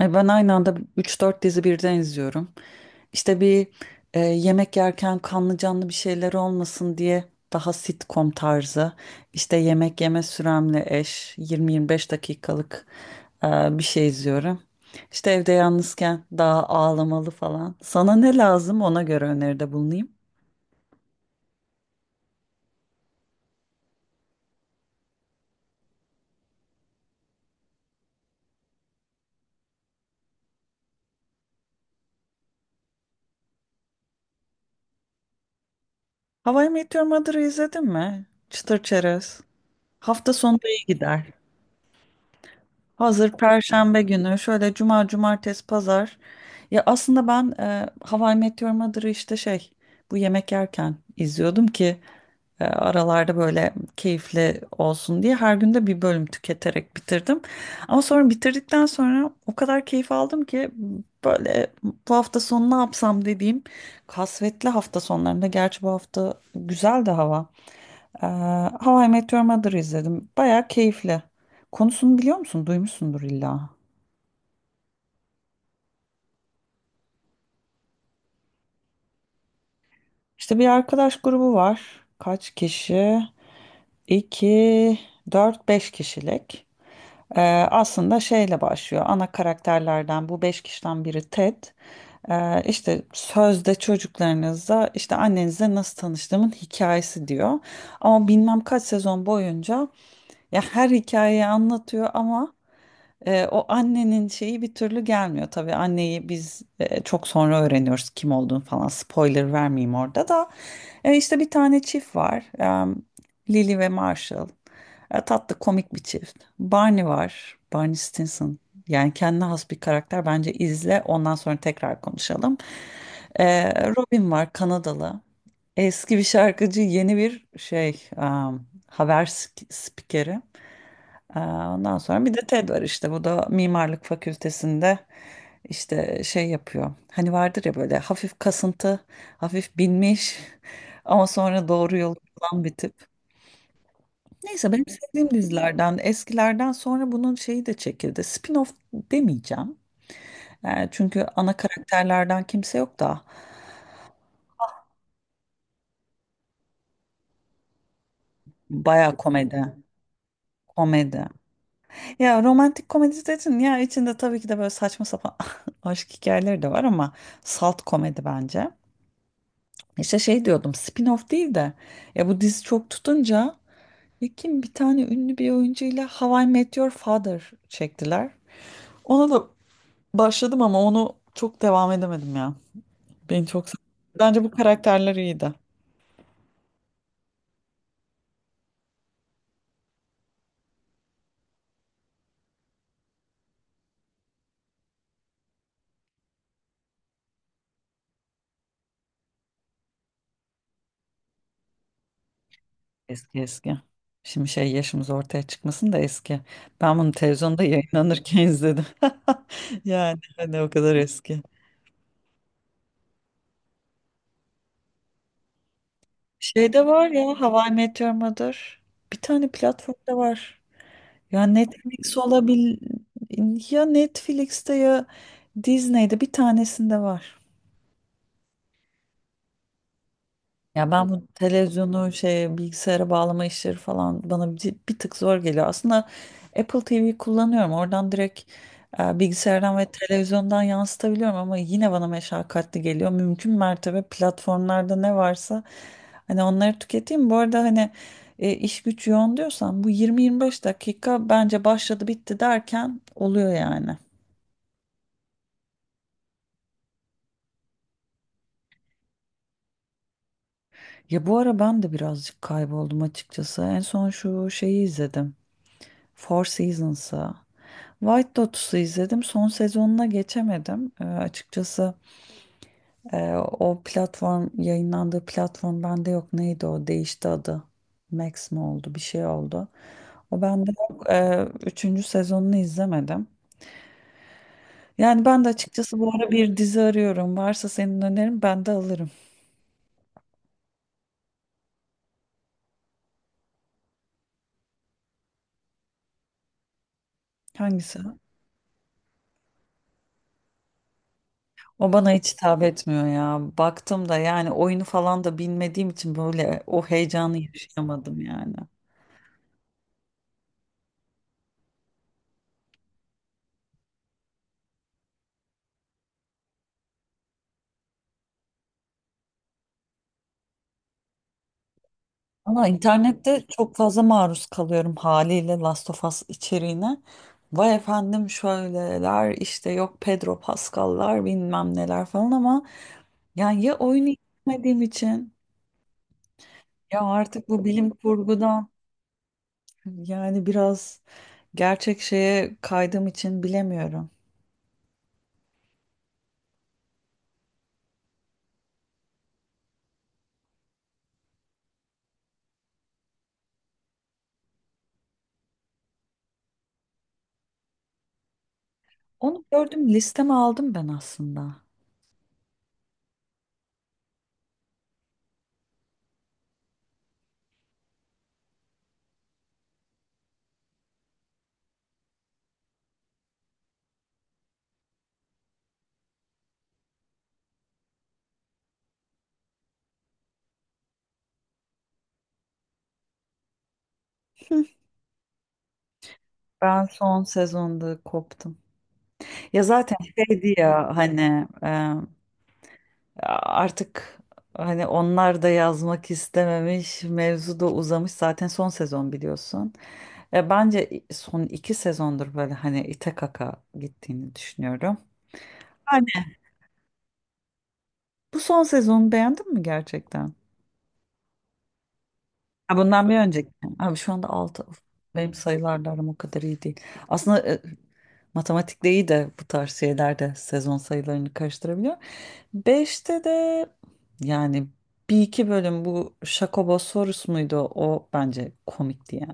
Ben aynı anda üç dört dizi birden izliyorum. İşte bir yemek yerken kanlı canlı bir şeyler olmasın diye daha sitcom tarzı. İşte yemek yeme süremle eş 20-25 dakikalık e, bir şey izliyorum. İşte evde yalnızken daha ağlamalı falan. Sana ne lazım, ona göre öneride bulunayım. How I Met Your Mother'ı izledin mi? Çıtır çerez. Hafta sonunda iyi gider. Hazır Perşembe günü, şöyle cuma, cumartesi, pazar. Ya aslında ben How I Met Your Mother'ı işte şey, bu yemek yerken izliyordum ki aralarda böyle keyifli olsun diye her gün de bir bölüm tüketerek bitirdim. Ama sonra bitirdikten sonra o kadar keyif aldım ki, böyle bu hafta sonu ne yapsam dediğim kasvetli hafta sonlarında, gerçi bu hafta güzel de hava. E, How I Met Your Mother'ı izledim. Bayağı keyifli. Konusunu biliyor musun? Duymuşsundur illa. İşte bir arkadaş grubu var. Kaç kişi? 2, 4, 5 kişilik. Ee, Aslında şeyle başlıyor. Ana karakterlerden, bu beş kişiden biri Ted. İşte sözde çocuklarınızla, işte annenizle nasıl tanıştığımın hikayesi diyor. Ama bilmem kaç sezon boyunca ya her hikayeyi anlatıyor ama o annenin şeyi bir türlü gelmiyor tabii. Anneyi biz çok sonra öğreniyoruz kim olduğunu falan. Spoiler vermeyeyim orada da. İşte bir tane çift var. Lily ve Marshall. Tatlı komik bir çift. Barney var. Barney Stinson. Yani kendine has bir karakter. Bence izle. Ondan sonra tekrar konuşalım. E, Robin var, Kanadalı. Eski bir şarkıcı, yeni bir şey, e, haber spikeri. Ondan sonra bir de Ted var, işte bu da mimarlık fakültesinde işte şey yapıyor. Hani vardır ya böyle hafif kasıntı, hafif binmiş ama sonra doğru yolu bulan bir tip. Neyse, benim sevdiğim dizilerden, eskilerden sonra bunun şeyi de çekildi. Spin-off demeyeceğim. Çünkü ana karakterlerden kimse yok da baya komedi. Komedi. Ya, romantik komedi dedin ya, içinde tabii ki de böyle saçma sapan aşk hikayeleri de var ama salt komedi bence. İşte şey diyordum, spin-off değil de, ya bu dizi çok tutunca, ya kim bir tane ünlü bir oyuncuyla How I Met Your Father çektiler. Ona da başladım ama onu çok devam edemedim ya. Beni çok sardı. Bence bu karakterler iyiydi. Eski eski. Şimdi şey, yaşımız ortaya çıkmasın da, eski. Ben bunu televizyonda yayınlanırken izledim. Yani hani o kadar eski. Şey de var ya, How I Mother. Bir tane platformda var. Ya Netflix olabil ya Netflix'te ya Disney'de, bir tanesinde var. Ya ben bu televizyonu şey, bilgisayara bağlama işleri falan bana bir tık zor geliyor. Aslında Apple TV kullanıyorum. Oradan direkt bilgisayardan ve televizyondan yansıtabiliyorum ama yine bana meşakkatli geliyor. Mümkün mertebe platformlarda ne varsa, hani onları tüketeyim. Bu arada, hani iş güç yoğun diyorsan, bu 20-25 dakika bence başladı bitti derken oluyor yani. Ya bu ara ben de birazcık kayboldum açıkçası. En son şu şeyi izledim. Four Seasons'ı. White Lotus'u izledim. Son sezonuna geçemedim. Açıkçası o platform, yayınlandığı platform bende yok. Neydi o? Değişti adı. Max mi oldu? Bir şey oldu. O bende yok. Üçüncü sezonunu izlemedim. Yani ben de açıkçası bu ara bir dizi arıyorum. Varsa senin önerin, ben de alırım. Hangisi? O bana hiç hitap etmiyor ya. Baktım da, yani oyunu falan da bilmediğim için böyle o heyecanı yaşayamadım yani. Ama internette çok fazla maruz kalıyorum haliyle Last of Us içeriğine. Vay efendim şöyleler, işte yok Pedro Pascal'lar, bilmem neler falan ama yani, ya oyunu izlemediğim için, ya artık bu bilim kurgudan, yani biraz gerçek şeye kaydığım için bilemiyorum. Onu gördüm, listeme aldım ben aslında. Ben son sezonda koptum. Ya zaten şeydi ya, hani artık, hani onlar da yazmak istememiş, mevzu da uzamış. Zaten son sezon, biliyorsun. Bence son iki sezondur böyle hani ite kaka gittiğini düşünüyorum. Aynen. Bu son sezonu beğendin mi gerçekten? Ha, bundan bir önceki. Abi şu anda 6. Benim sayılarla aram o kadar iyi değil. Aslında matematikte iyi de bu tarz şeylerde sezon sayılarını karıştırabiliyor. Beşte de, yani bir iki bölüm, bu Şakobo sorusu muydu? O bence komikti yani.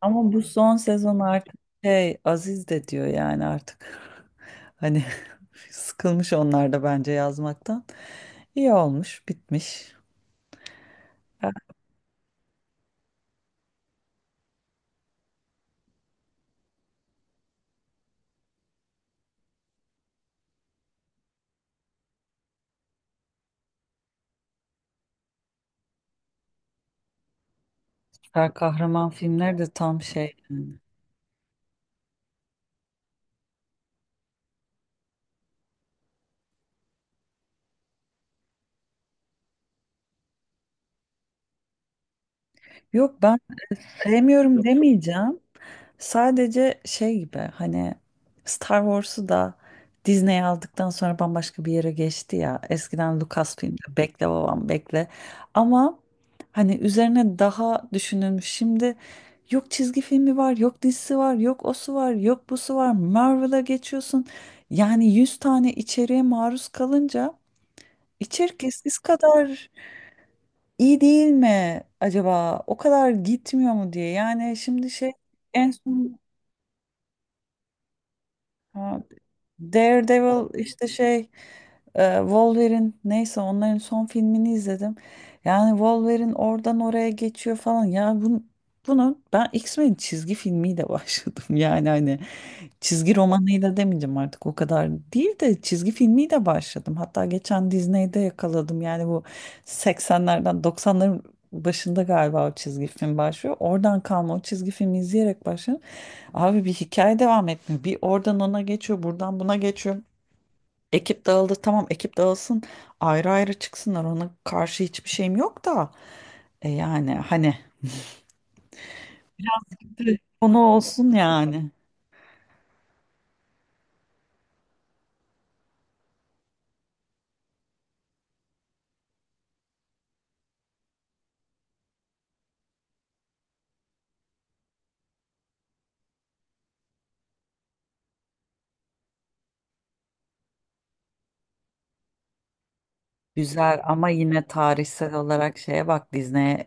Ama bu son sezon artık şey, Aziz de diyor yani artık. Hani sıkılmış onlar da bence yazmaktan. İyi olmuş, bitmiş. Süper kahraman filmleri de tam şey yani. Yok, ben sevmiyorum demeyeceğim. Sadece şey gibi, hani Star Wars'u da Disney aldıktan sonra bambaşka bir yere geçti ya. Eskiden Lucasfilm'de, bekle babam bekle. Ama hani üzerine daha düşünülmüş. Şimdi yok çizgi filmi var, yok dizisi var, yok osu var, yok busu var. Marvel'a geçiyorsun. Yani 100 tane içeriğe maruz kalınca, içerik eskisi kadar iyi değil mi acaba? O kadar gitmiyor mu diye. Yani şimdi şey, en son, ha, Daredevil, işte şey, Wolverine, neyse, onların son filmini izledim. Yani Wolverine oradan oraya geçiyor falan. Ya bunu ben X-Men çizgi filmiyle başladım. Yani hani, çizgi romanıyla demeyeceğim artık, o kadar değil de, çizgi filmiyle başladım. Hatta geçen Disney'de yakaladım. Yani bu 80'lerden 90'ların başında galiba o çizgi film başlıyor. Oradan kalma, o çizgi filmi izleyerek başladım. Abi bir hikaye devam etmiyor. Bir oradan ona geçiyor, buradan buna geçiyor. Ekip dağıldı, tamam, ekip dağılsın, ayrı ayrı çıksınlar, ona karşı hiçbir şeyim yok da yani hani konu olsun yani. Güzel, ama yine tarihsel olarak şeye bak, Disney'e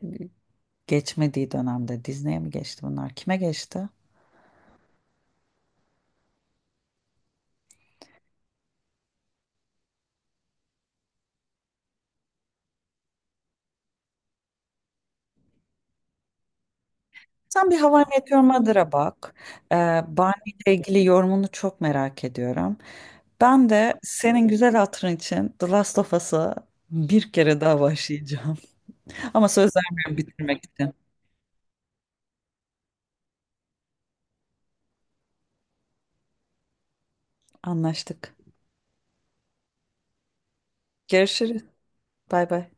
geçmediği dönemde. Disney'e mi geçti bunlar? Kime geçti? Sen bir hava I Met Your Mother'a bak. Ee, Barney ile ilgili yorumunu çok merak ediyorum. Ben de senin güzel hatırın için The Last of Us'a bir kere daha başlayacağım. Ama söz vermiyorum bitirmek için. Anlaştık. Görüşürüz. Bay bay.